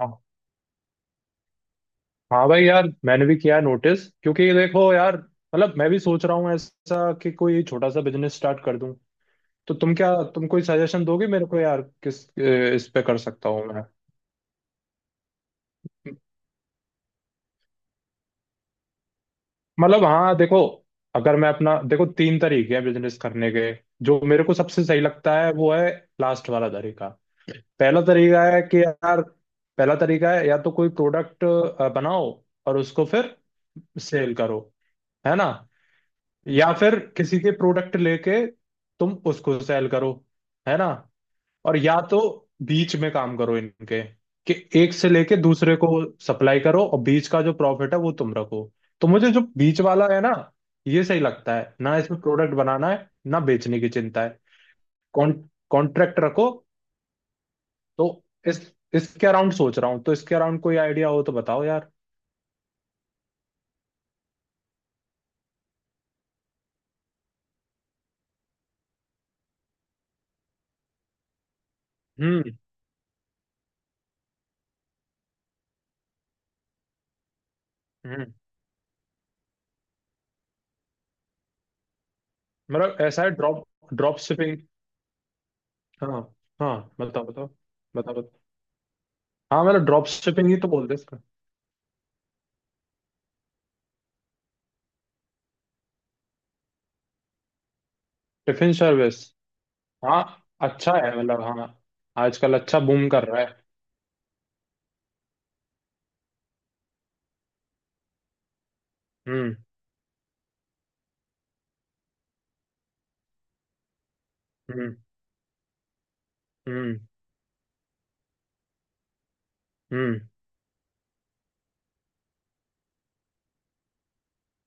हाँ, हाँ भाई, यार मैंने भी किया है नोटिस क्योंकि ये देखो यार। मतलब मैं भी सोच रहा हूँ ऐसा कि कोई छोटा सा बिजनेस स्टार्ट कर दूं। तो तुम, क्या तुम कोई सजेशन दोगे मेरे को यार, इस पे कर सकता हूँ मैं। मतलब हाँ देखो, अगर मैं अपना देखो, तीन तरीके हैं बिजनेस करने के। जो मेरे को सबसे सही लगता है वो है लास्ट वाला तरीका। पहला तरीका है कि यार, पहला तरीका है या तो कोई प्रोडक्ट बनाओ और उसको फिर सेल करो, है ना। या फिर किसी के प्रोडक्ट लेके तुम उसको सेल करो, है ना। और या तो बीच में काम करो इनके, कि एक से लेके दूसरे को सप्लाई करो और बीच का जो प्रॉफिट है वो तुम रखो। तो मुझे जो बीच वाला है ना, ये सही लगता है ना। इसमें प्रोडक्ट बनाना है ना बेचने की चिंता है। कॉन् कॉन्ट्रैक्ट रखो। तो इस इसके अराउंड सोच रहा हूँ, तो इसके अराउंड कोई आइडिया हो तो बताओ यार। हम्म। हम्म। मतलब ऐसा है ड्रॉप ड्रॉप शिपिंग। हाँ, हाँ, बताओ, बताओ, बताओ, बताओ। हाँ मतलब ड्रॉप शिपिंग ही तो बोलते हैं इसका। Tiffin service? हाँ अच्छा है, मतलब हाँ। आजकल अच्छा बूम कर रहा है। हम्म। हम्म। हम्म। हम्म।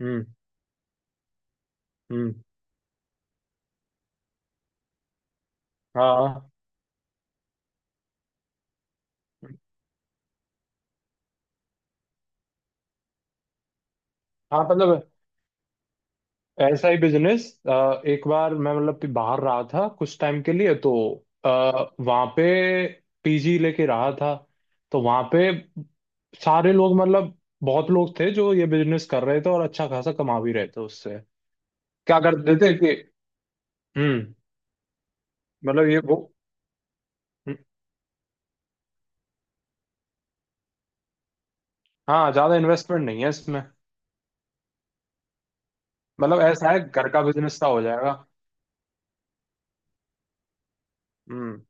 हम्म। हम्म। हाँ, हाँ, मतलब ऐसा ही बिजनेस। एक बार मैं मतलब बाहर रहा था कुछ टाइम के लिए तो वहां पे पीजी लेके रहा था। तो वहां पे सारे लोग, मतलब बहुत लोग थे जो ये बिजनेस कर रहे थे और अच्छा खासा कमा भी रहे थे उससे। क्या करते थे कि। हम्म। मतलब ये वो। हम्म। हाँ ज्यादा इन्वेस्टमेंट नहीं है इसमें। मतलब ऐसा है, घर का बिजनेस सा हो जाएगा। हम्म।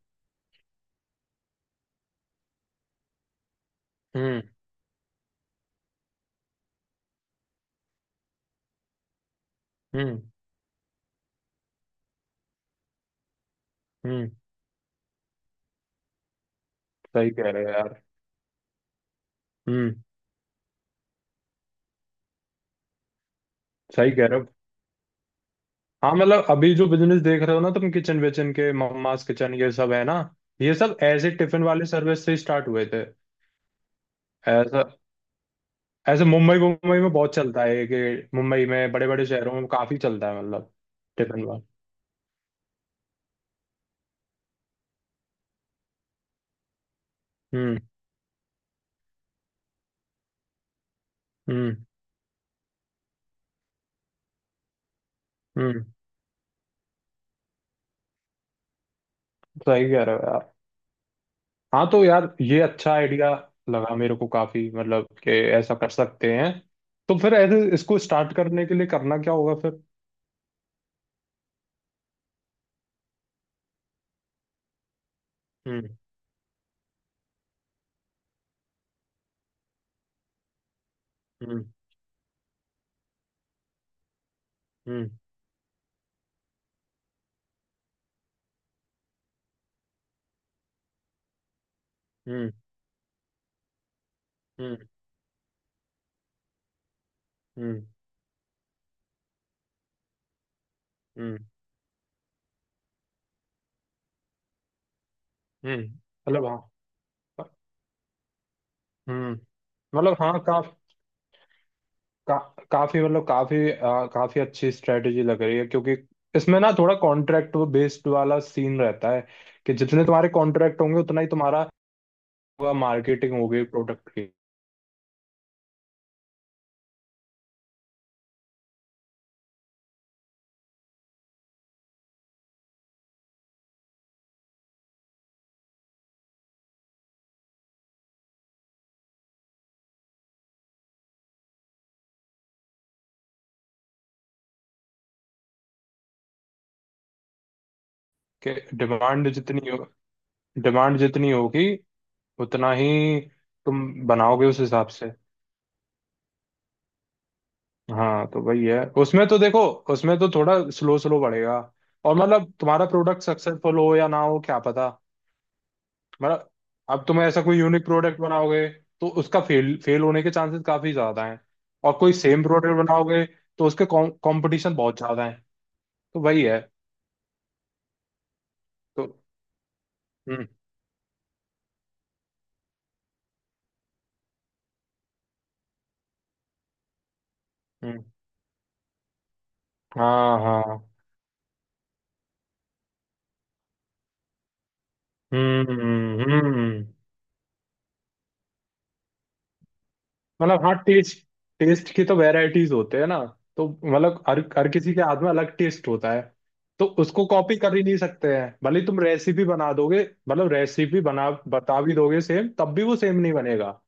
हम्म। हम्म। हम्म। सही कह रहे हो यार। हम्म। सही कह रहे हो। हाँ मतलब अभी जो बिजनेस देख रहे हो ना तुम, किचन विचन के, मम्मास किचन, ये सब है ना, ये सब ऐसे टिफिन वाले सर्विस से स्टार्ट हुए थे। ऐसा, ऐसे मुंबई मुंबई में बहुत चलता है, कि मुंबई में, बड़े बड़े शहरों में काफी चलता है, मतलब। टिफिन वाला। हम्म। हम्म। हम्म। सही कह रहे हो यार। हाँ तो यार ये अच्छा आइडिया लगा मेरे को, काफी, मतलब कि ऐसा कर सकते हैं। तो फिर ऐसे इसको स्टार्ट करने के लिए करना क्या होगा फिर? हम्म। हम्म। हम्म। हम्म। हम्म। हम्म। हम्म। हम्म। मतलब हाँ। हम्म। मतलब हाँ, का, काफी, मतलब काफी अच्छी स्ट्रेटेजी लग रही है क्योंकि इसमें ना थोड़ा कॉन्ट्रैक्ट बेस्ड वाला सीन रहता है, कि जितने तुम्हारे कॉन्ट्रैक्ट होंगे उतना ही तुम्हारा होगा, मार्केटिंग होगी प्रोडक्ट की। कि डिमांड जितनी होगी उतना ही तुम बनाओगे उस हिसाब से। हाँ तो वही है उसमें तो देखो, उसमें तो थोड़ा स्लो स्लो बढ़ेगा और मतलब तुम्हारा प्रोडक्ट सक्सेसफुल हो या ना हो क्या पता, मतलब। अब तुम ऐसा कोई यूनिक प्रोडक्ट बनाओगे तो उसका फेल फेल होने के चांसेस काफी ज्यादा हैं। और कोई सेम प्रोडक्ट बनाओगे तो उसके कंपटीशन बहुत ज्यादा है। तो वही है तो। हम्म। हम्म। हाँ, हाँ। हम्म। हम्म। हम्म। मतलब हाँ, टेस्ट टेस्ट की तो वैरायटीज होते हैं ना। तो मतलब हर हर किसी के हाथ में अलग टेस्ट होता है। तो उसको कॉपी कर ही नहीं सकते हैं, भले ही तुम रेसिपी बना दोगे, मतलब रेसिपी बना बता भी दोगे सेम, तब भी वो सेम नहीं बनेगा।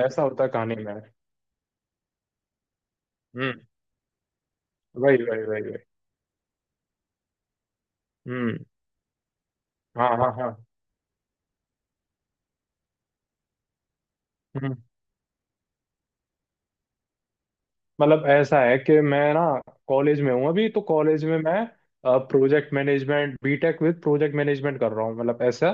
ऐसा होता है कहानी में। हम्म। वही, वही, वही, वही। हम्म। हाँ, हाँ, हाँ। हम्म। मतलब ऐसा है कि मैं ना कॉलेज में हूँ अभी, तो कॉलेज में मैं project management BTech with project management कर रहा हूँ, मतलब ऐसा,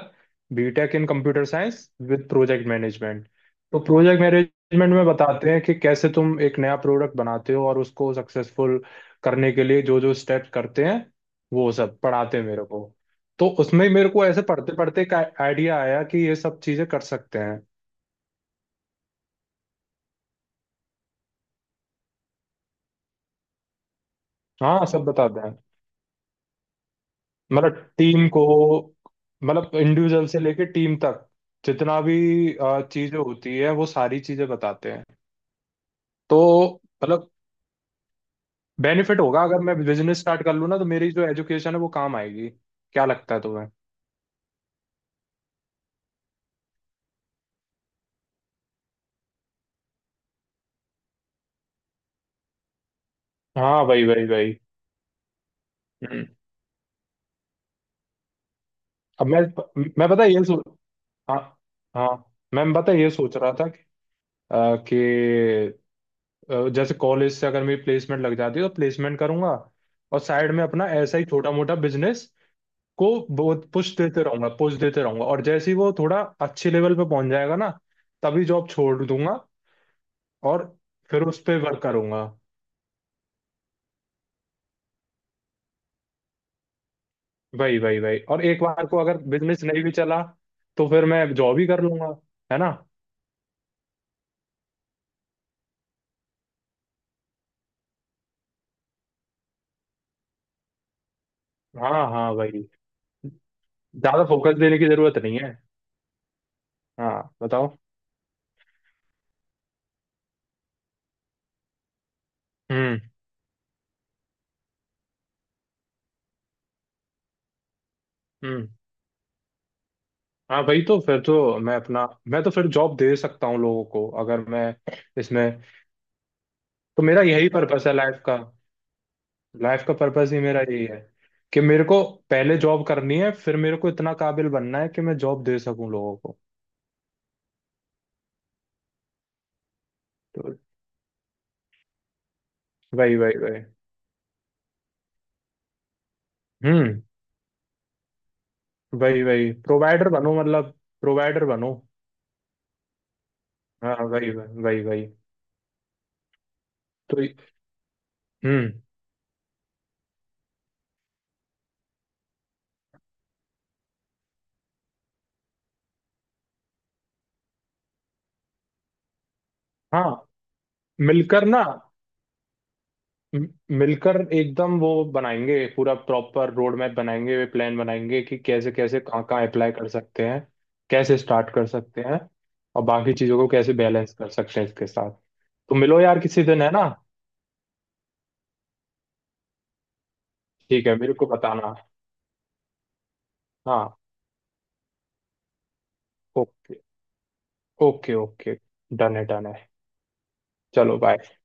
BTech in computer science with project management. तो प्रोजेक्ट मैनेजमेंट में बताते हैं कि कैसे तुम एक नया प्रोडक्ट बनाते हो और उसको सक्सेसफुल करने के लिए जो जो स्टेप्स करते हैं, वो सब पढ़ाते हैं मेरे को। तो उसमें मेरे को ऐसे पढ़ते पढ़ते एक आइडिया आया कि ये सब चीजें कर सकते हैं। हाँ सब बताते हैं, मतलब टीम को, मतलब इंडिविजुअल से लेके टीम तक जितना भी चीजें होती है, वो सारी चीजें बताते हैं। तो मतलब बेनिफिट होगा अगर मैं बिजनेस स्टार्ट कर लूँ ना, तो मेरी जो एजुकेशन है वो काम आएगी। क्या लगता है तुम्हें? हाँ, भाई, भाई, भाई। हम्म। अब मैं, पता है ये सोच। हाँ, हाँ। मैं पता है ये सोच रहा था कि, अ, कि जैसे कॉलेज से अगर मेरी प्लेसमेंट लग जाती है तो प्लेसमेंट करूंगा। और साइड में अपना ऐसा ही छोटा मोटा बिजनेस को बहुत पुश देते रहूंगा, पुश देते रहूंगा, और जैसे ही वो थोड़ा अच्छे लेवल पे पहुंच जाएगा ना, तभी जॉब छोड़ दूंगा और फिर उस पे वर्क करूंगा। वही, वही, वही, और एक बार को अगर बिजनेस नहीं भी चला तो फिर मैं जॉब ही कर लूंगा, है ना। हाँ, हाँ वही, ज्यादा फोकस देने की जरूरत नहीं है। हाँ बताओ। हम्म। हम्म। हाँ वही, तो फिर तो मैं अपना, मैं तो फिर जॉब दे सकता हूँ लोगों को अगर मैं इसमें। तो मेरा यही पर्पस है लाइफ का, लाइफ का पर्पस ही मेरा यही है, कि मेरे को पहले जॉब करनी है फिर मेरे को इतना काबिल बनना है कि मैं जॉब दे सकूं लोगों को। तो वही, वही, वही। हम्म। वही, वही, प्रोवाइडर बनो, मतलब प्रोवाइडर बनो। हाँ, वही, वही, वही, वही। तो। हम्म। हाँ मिलकर ना, म- मिलकर एकदम वो बनाएंगे, पूरा प्रॉपर रोड मैप बनाएंगे, वे प्लान बनाएंगे कि कैसे कैसे कहाँ कहाँ अप्लाई कर सकते हैं, कैसे स्टार्ट कर सकते हैं, और बाकी चीज़ों को कैसे बैलेंस कर सकते हैं इसके साथ। तो मिलो यार किसी दिन, है ना। ठीक है, मेरे को बताना। हाँ। ओके। Okay, okay. डन है, डन है। चलो, बाय।